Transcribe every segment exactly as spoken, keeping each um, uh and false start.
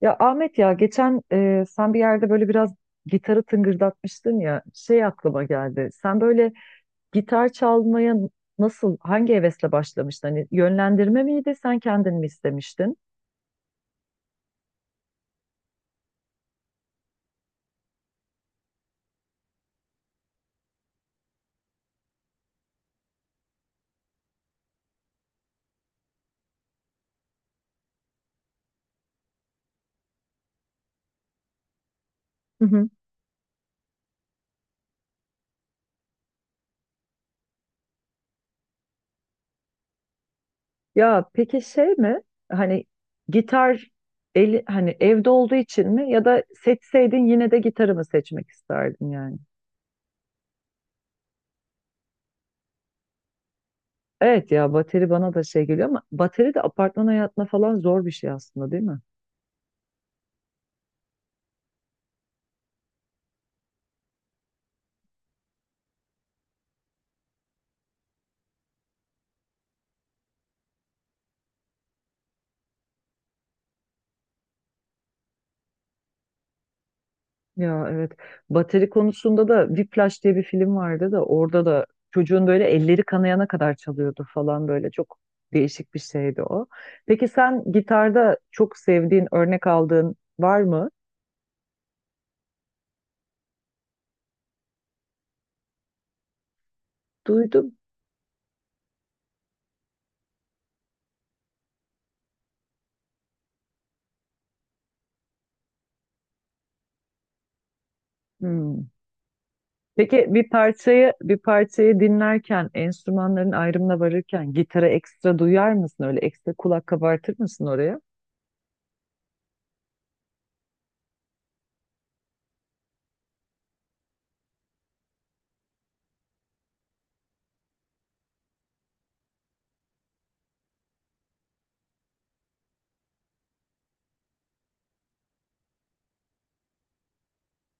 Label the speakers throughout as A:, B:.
A: Ya Ahmet ya geçen e, sen bir yerde böyle biraz gitarı tıngırdatmıştın ya şey aklıma geldi. Sen böyle gitar çalmaya nasıl hangi hevesle başlamıştın? Hani yönlendirme miydi, sen kendin mi istemiştin? Hı hı. Ya peki şey mi? Hani gitar eli, hani evde olduğu için mi, ya da seçseydin yine de gitarı mı seçmek isterdin yani? Evet, ya bateri bana da şey geliyor ama bateri de apartman hayatına falan zor bir şey aslında, değil mi? Ya evet. Bateri konusunda da Whiplash diye bir film vardı da, orada da çocuğun böyle elleri kanayana kadar çalıyordu falan, böyle çok değişik bir şeydi o. Peki sen gitarda çok sevdiğin, örnek aldığın var mı? Duydum. Hmm. Peki bir parçayı bir parçayı dinlerken, enstrümanların ayrımına varırken gitara ekstra duyar mısın? Öyle ekstra kulak kabartır mısın oraya?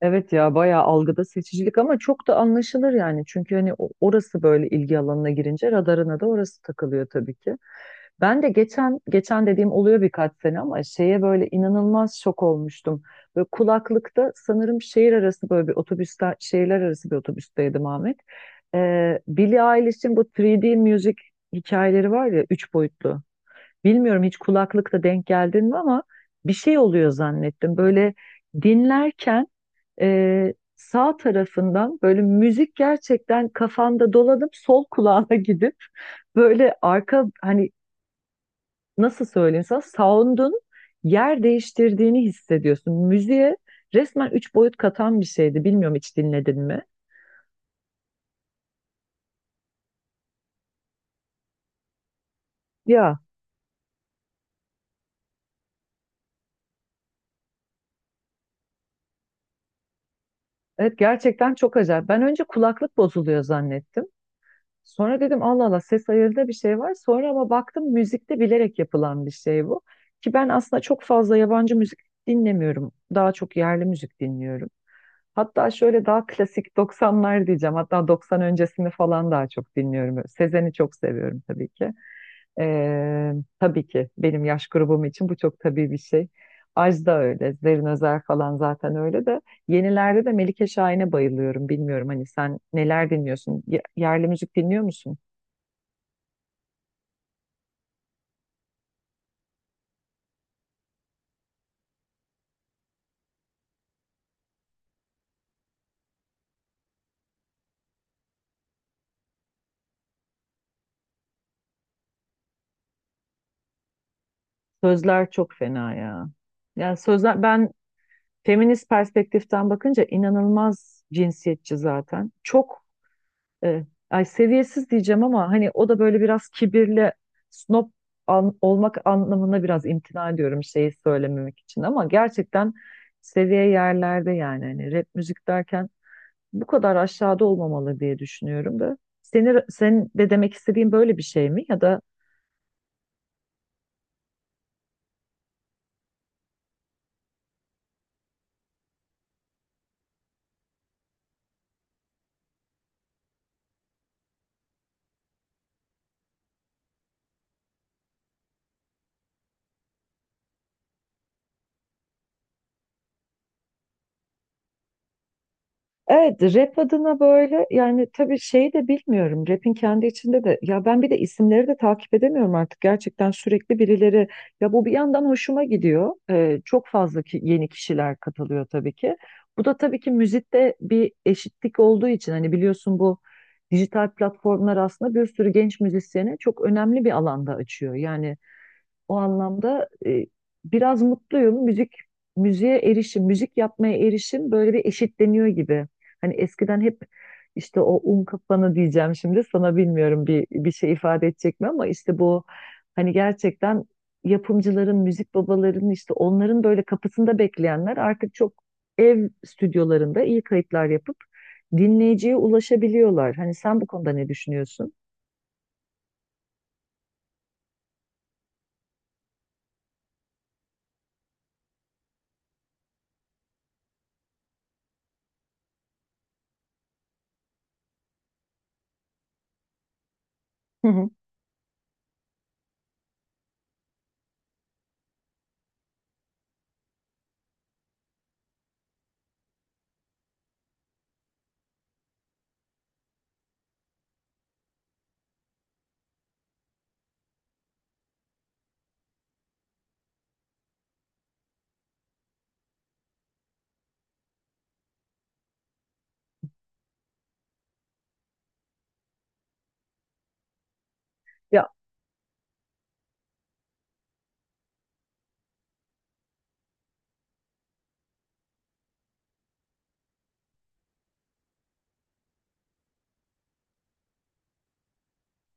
A: Evet ya, bayağı algıda seçicilik ama çok da anlaşılır yani. Çünkü hani o- orası böyle ilgi alanına girince radarına da orası takılıyor tabii ki. Ben de geçen geçen dediğim oluyor, birkaç sene ama şeye böyle inanılmaz şok olmuştum. Böyle kulaklıkta, sanırım şehir arası, böyle bir otobüste, şehirler arası bir otobüsteydim Ahmet. Ee, Billie Eilish'in bu üç D müzik hikayeleri var ya, üç boyutlu. Bilmiyorum, hiç kulaklıkta denk geldin mi, ama bir şey oluyor zannettim. Böyle dinlerken ee, sağ tarafından böyle müzik gerçekten kafanda dolanıp sol kulağına gidip böyle arka, hani nasıl söyleyeyim sana, sound'un yer değiştirdiğini hissediyorsun. Müziğe resmen üç boyut katan bir şeydi. Bilmiyorum, hiç dinledin mi? Ya evet, gerçekten çok acayip. Ben önce kulaklık bozuluyor zannettim. Sonra dedim Allah Allah, ses ayarında bir şey var. Sonra ama baktım, müzikte bilerek yapılan bir şey bu. Ki ben aslında çok fazla yabancı müzik dinlemiyorum. Daha çok yerli müzik dinliyorum. Hatta şöyle daha klasik doksanlar diyeceğim. Hatta doksan öncesini falan daha çok dinliyorum. Sezen'i çok seviyorum tabii ki. Ee, tabii ki benim yaş grubum için bu çok tabii bir şey. Ajda öyle, Zerrin Özer falan zaten öyle de. Yenilerde de Melike Şahin'e bayılıyorum. Bilmiyorum, hani sen neler dinliyorsun? Ye- Yerli müzik dinliyor musun? Sözler çok fena ya. Yani sözler, ben feminist perspektiften bakınca inanılmaz cinsiyetçi zaten. Çok e, ay seviyesiz diyeceğim ama hani o da böyle biraz kibirli, snob an- olmak anlamında biraz imtina ediyorum şeyi söylememek için, ama gerçekten seviye yerlerde yani, hani rap müzik derken bu kadar aşağıda olmamalı diye düşünüyorum da. Seni, sen de demek istediğin böyle bir şey mi, ya da evet, rap adına böyle yani, tabii şeyi de bilmiyorum. Rap'in kendi içinde de, ya ben bir de isimleri de takip edemiyorum artık. Gerçekten sürekli birileri, ya bu bir yandan hoşuma gidiyor. Ee, çok fazla ki, yeni kişiler katılıyor tabii ki. Bu da tabii ki müzikte bir eşitlik olduğu için, hani biliyorsun, bu dijital platformlar aslında bir sürü genç müzisyene çok önemli bir alanda açıyor. Yani o anlamda e, biraz mutluyum. Müzik, müziğe erişim, müzik yapmaya erişim böyle bir eşitleniyor gibi. Hani eskiden hep işte o un kafanı diyeceğim şimdi sana, bilmiyorum bir bir şey ifade edecek mi, ama işte bu, hani gerçekten yapımcıların, müzik babalarının, işte onların böyle kapısında bekleyenler artık çok ev stüdyolarında iyi kayıtlar yapıp dinleyiciye ulaşabiliyorlar. Hani sen bu konuda ne düşünüyorsun? Hı hı.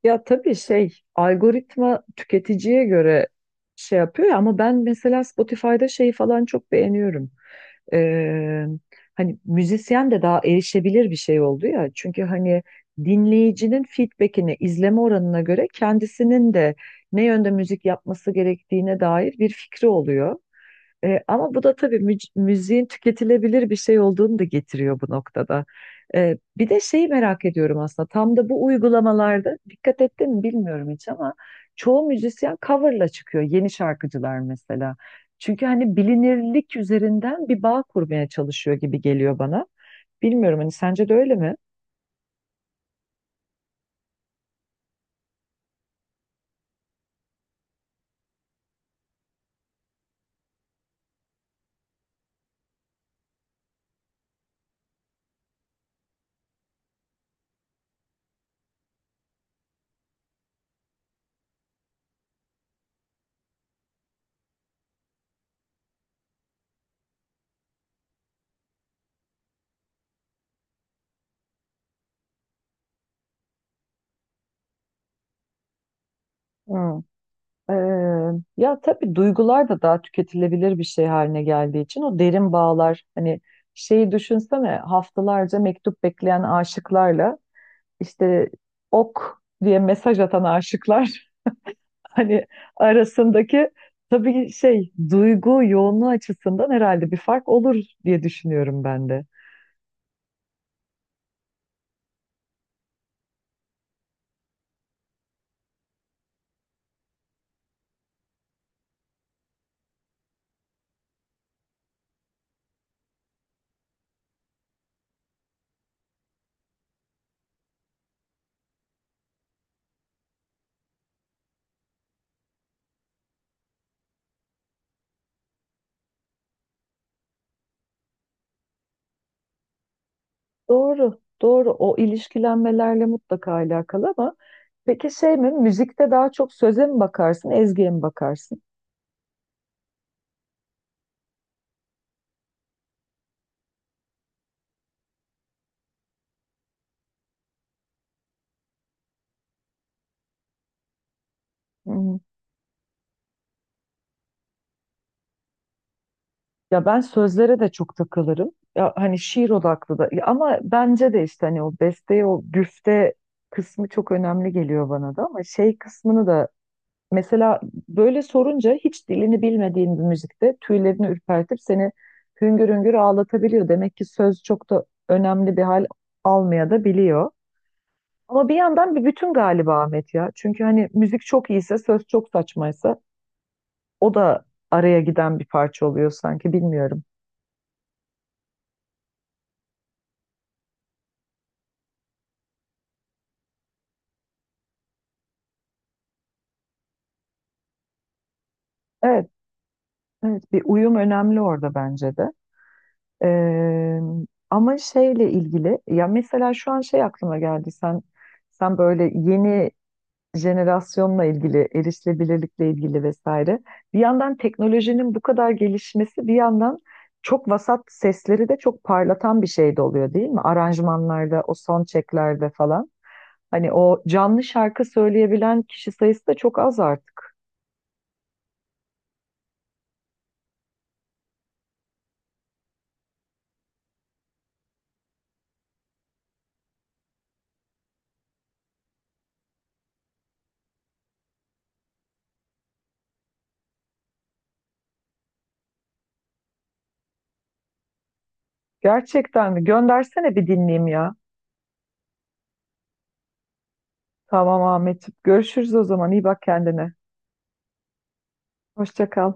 A: Ya tabii şey, algoritma tüketiciye göre şey yapıyor ya, ama ben mesela Spotify'da şeyi falan çok beğeniyorum. Ee, hani müzisyen de daha erişebilir bir şey oldu ya. Çünkü hani dinleyicinin feedbackine, izleme oranına göre kendisinin de ne yönde müzik yapması gerektiğine dair bir fikri oluyor. E, ama bu da tabii müc- müziğin tüketilebilir bir şey olduğunu da getiriyor bu noktada. E, bir de şeyi merak ediyorum aslında, tam da bu uygulamalarda dikkat ettin mi bilmiyorum hiç, ama çoğu müzisyen coverla çıkıyor yeni şarkıcılar mesela. Çünkü hani bilinirlik üzerinden bir bağ kurmaya çalışıyor gibi geliyor bana. Bilmiyorum, hani sence de öyle mi? Ee, ya tabii duygular da daha tüketilebilir bir şey haline geldiği için o derin bağlar, hani şeyi düşünsene, haftalarca mektup bekleyen aşıklarla işte ok diye mesaj atan aşıklar hani arasındaki, tabii şey, duygu yoğunluğu açısından herhalde bir fark olur diye düşünüyorum ben de. Doğru, doğru. O ilişkilenmelerle mutlaka alakalı ama peki şey mi? Müzikte daha çok söze mi bakarsın, ezgiye mi bakarsın? Hı. Ya ben sözlere de çok takılırım. Ya hani şiir odaklı da. Ya ama bence de işte hani o besteye, o güfte kısmı çok önemli geliyor bana da. Ama şey kısmını da mesela böyle sorunca, hiç dilini bilmediğin bir müzikte tüylerini ürpertip seni hüngür hüngür ağlatabiliyor. Demek ki söz çok da önemli bir hal almaya da biliyor. Ama bir yandan bir bütün galiba Ahmet ya. Çünkü hani müzik çok iyiyse, söz çok saçmaysa o da araya giden bir parça oluyor sanki, bilmiyorum. Evet, evet, bir uyum önemli orada bence de. Ee, ama şeyle ilgili, ya mesela şu an şey aklıma geldi, sen sen böyle yeni jenerasyonla ilgili, erişilebilirlikle ilgili, vesaire, bir yandan teknolojinin bu kadar gelişmesi, bir yandan çok vasat sesleri de çok parlatan bir şey de oluyor, değil mi? Aranjmanlarda, o son çeklerde falan, hani o canlı şarkı söyleyebilen kişi sayısı da çok az artık. Gerçekten mi? Göndersene bir dinleyeyim ya. Tamam Ahmetciğim. Görüşürüz o zaman. İyi bak kendine. Hoşça kal.